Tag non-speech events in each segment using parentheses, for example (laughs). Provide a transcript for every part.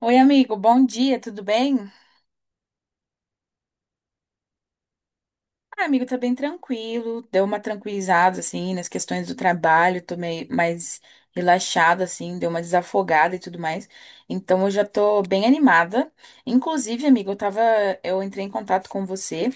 Oi, amigo, bom dia, tudo bem? Ah, amigo, tá bem tranquilo, deu uma tranquilizada, assim, nas questões do trabalho, tô meio mais relaxada, assim, deu uma desafogada e tudo mais, então eu já tô bem animada. Inclusive, amigo, eu entrei em contato com você,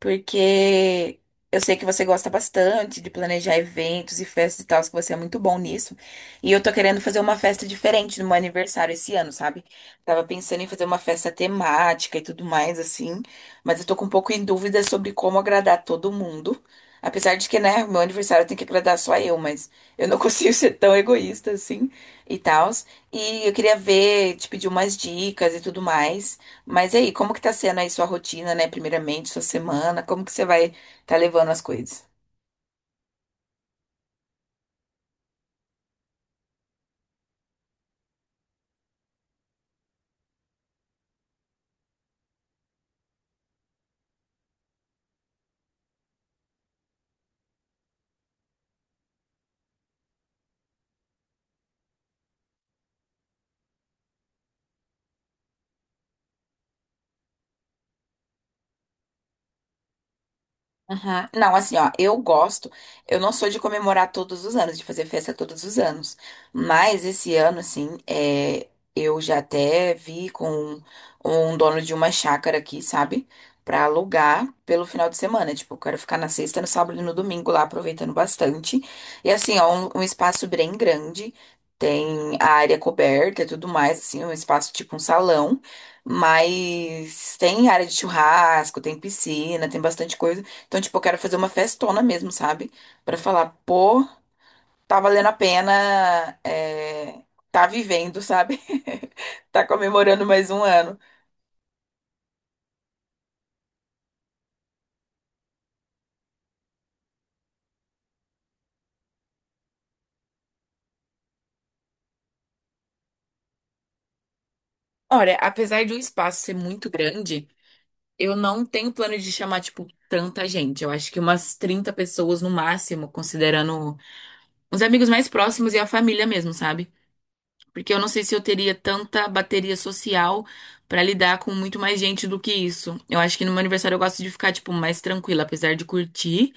porque eu sei que você gosta bastante de planejar eventos e festas e tal, que você é muito bom nisso, e eu tô querendo fazer uma festa diferente no meu aniversário esse ano, sabe? Tava pensando em fazer uma festa temática e tudo mais, assim, mas eu tô com um pouco em dúvida sobre como agradar todo mundo. Apesar de que, né, meu aniversário tem que agradar só eu, mas eu não (laughs) consigo ser tão egoísta assim e tal. E eu queria ver, te pedir umas dicas e tudo mais. Mas e aí, como que tá sendo aí sua rotina, né? Primeiramente, sua semana, como que você vai tá levando as coisas? Aham. Não, assim, ó, eu gosto. Eu não sou de comemorar todos os anos, de fazer festa todos os anos. Mas esse ano, assim, é, eu já até vi com um dono de uma chácara aqui, sabe? Pra alugar pelo final de semana. Tipo, eu quero ficar na sexta, no sábado e no domingo lá, aproveitando bastante. E assim, ó, um espaço bem grande. Tem a área coberta e tudo mais, assim, um espaço tipo um salão. Mas tem área de churrasco, tem piscina, tem bastante coisa, então, tipo, eu quero fazer uma festona mesmo, sabe? Pra falar, pô, tá valendo a pena, é, tá vivendo, sabe? (laughs) Tá comemorando mais um ano. Olha, apesar de o espaço ser muito grande, eu não tenho plano de chamar, tipo, tanta gente. Eu acho que umas 30 pessoas no máximo, considerando os amigos mais próximos e a família mesmo, sabe? Porque eu não sei se eu teria tanta bateria social pra lidar com muito mais gente do que isso. Eu acho que no meu aniversário eu gosto de ficar, tipo, mais tranquila, apesar de curtir.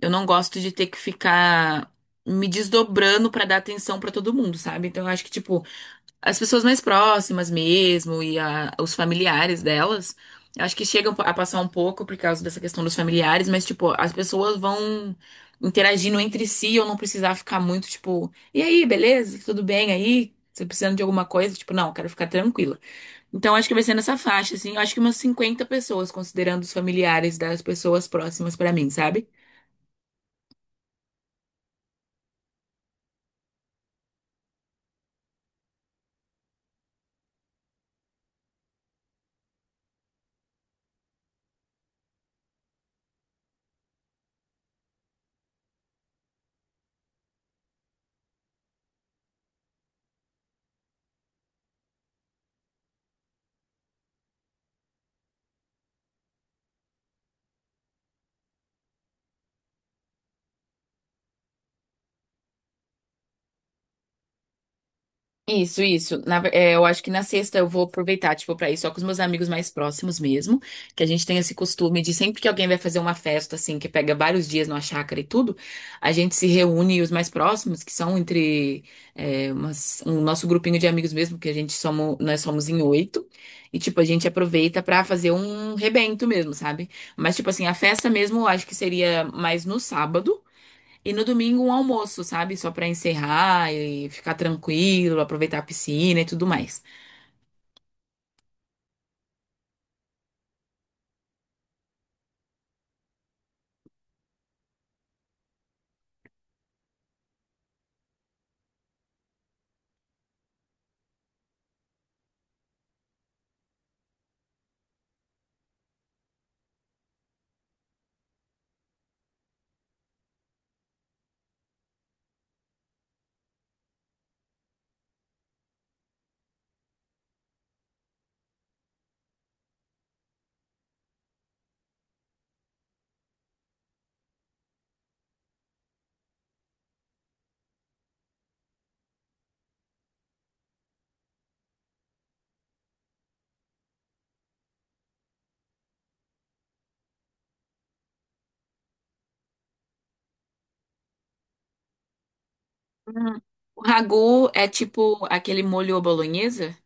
Eu não gosto de ter que ficar me desdobrando pra dar atenção pra todo mundo, sabe? Então eu acho que, tipo, as pessoas mais próximas mesmo e os familiares delas, eu acho que chegam a passar um pouco por causa dessa questão dos familiares, mas, tipo, as pessoas vão interagindo entre si, eu não precisar ficar muito, tipo, e aí, beleza? Tudo bem aí? Você precisando de alguma coisa? Tipo, não, quero ficar tranquila. Então, acho que vai ser nessa faixa, assim. Eu acho que umas 50 pessoas, considerando os familiares das pessoas próximas pra mim, sabe? Isso, isso. É, eu acho que na sexta eu vou aproveitar, tipo, pra ir só com os meus amigos mais próximos mesmo, que a gente tem esse costume de sempre que alguém vai fazer uma festa, assim, que pega vários dias numa chácara e tudo, a gente se reúne os mais próximos, que são entre é, um nosso grupinho de amigos mesmo, que a gente somos, nós somos em oito, e, tipo, a gente aproveita pra fazer um rebento mesmo, sabe? Mas, tipo assim, a festa mesmo eu acho que seria mais no sábado, e no domingo um almoço, sabe? Só pra encerrar e ficar tranquilo, aproveitar a piscina e tudo mais. Hum. O ragu é tipo aquele molho à bolonhesa?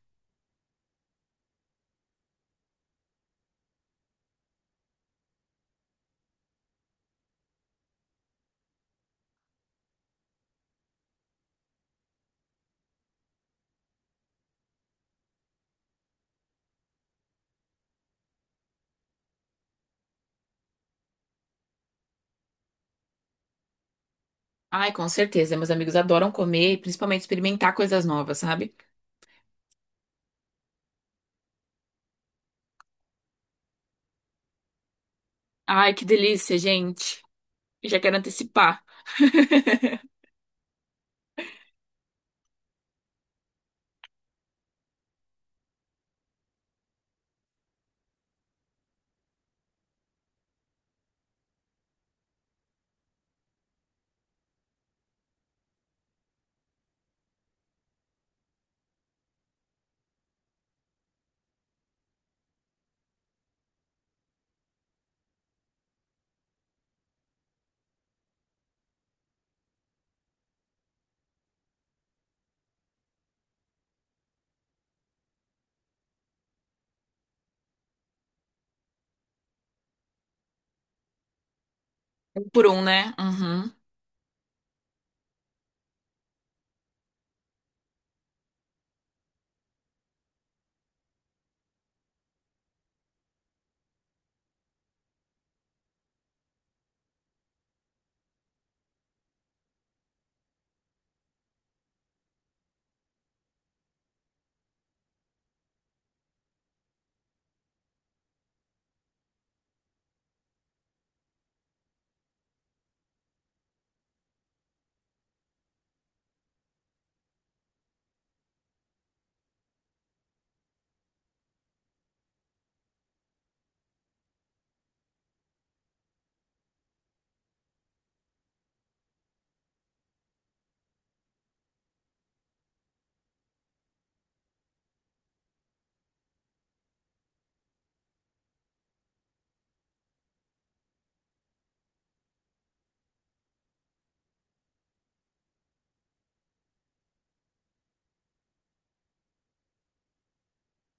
Ai, com certeza. Meus amigos adoram comer, e principalmente experimentar coisas novas, sabe? Ai, que delícia, gente. Já quero antecipar. Um por um, né? Uhum,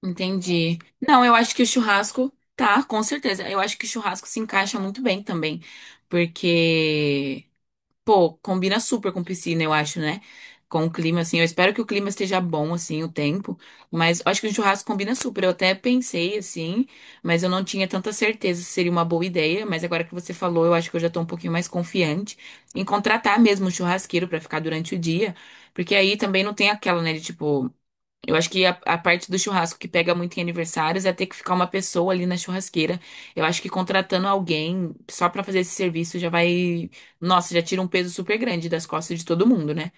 entendi. Não, eu acho que o churrasco, tá, com certeza. Eu acho que o churrasco se encaixa muito bem também, porque pô, combina super com piscina, eu acho, né? Com o clima, assim. Eu espero que o clima esteja bom, assim, o tempo. Mas eu acho que o churrasco combina super. Eu até pensei, assim, mas eu não tinha tanta certeza se seria uma boa ideia. Mas agora que você falou, eu acho que eu já tô um pouquinho mais confiante em contratar mesmo um churrasqueiro pra ficar durante o dia. Porque aí também não tem aquela, né, de tipo. Eu acho que a parte do churrasco que pega muito em aniversários é ter que ficar uma pessoa ali na churrasqueira. Eu acho que contratando alguém só pra fazer esse serviço já vai. Nossa, já tira um peso super grande das costas de todo mundo, né?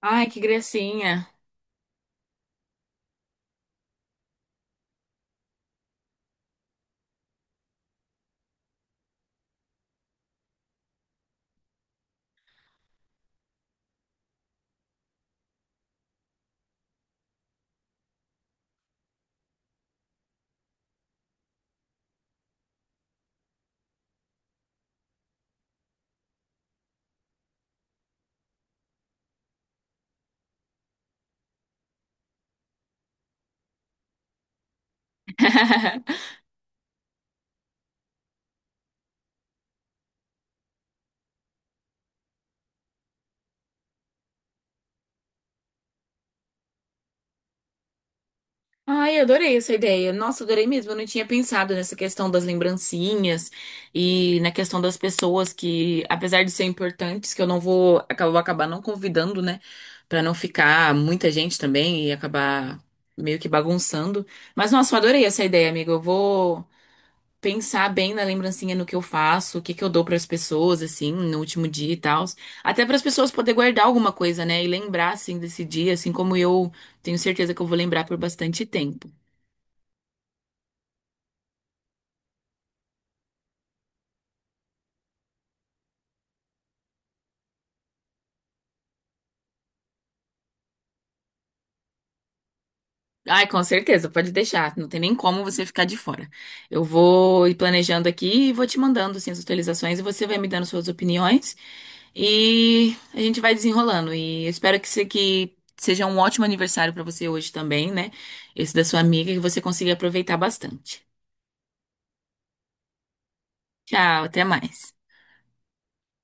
Ai, que gracinha. (laughs) Ai, adorei essa ideia. Nossa, adorei mesmo. Eu não tinha pensado nessa questão das lembrancinhas e na questão das pessoas que, apesar de ser importantes, que eu não vou, vou acabar não convidando, né? Pra não ficar muita gente também e acabar meio que bagunçando. Mas, nossa, eu adorei essa ideia, amiga. Eu vou pensar bem na lembrancinha, no que eu faço, o que que eu dou pras pessoas, assim, no último dia e tal. Até para as pessoas poderem guardar alguma coisa, né? E lembrar, assim, desse dia, assim como eu tenho certeza que eu vou lembrar por bastante tempo. Ai, com certeza, pode deixar. Não tem nem como você ficar de fora. Eu vou ir planejando aqui e vou te mandando assim, as atualizações e você vai me dando suas opiniões e a gente vai desenrolando. E eu espero que, que seja um ótimo aniversário para você hoje também, né? Esse da sua amiga, que você consiga aproveitar bastante. Tchau, até mais.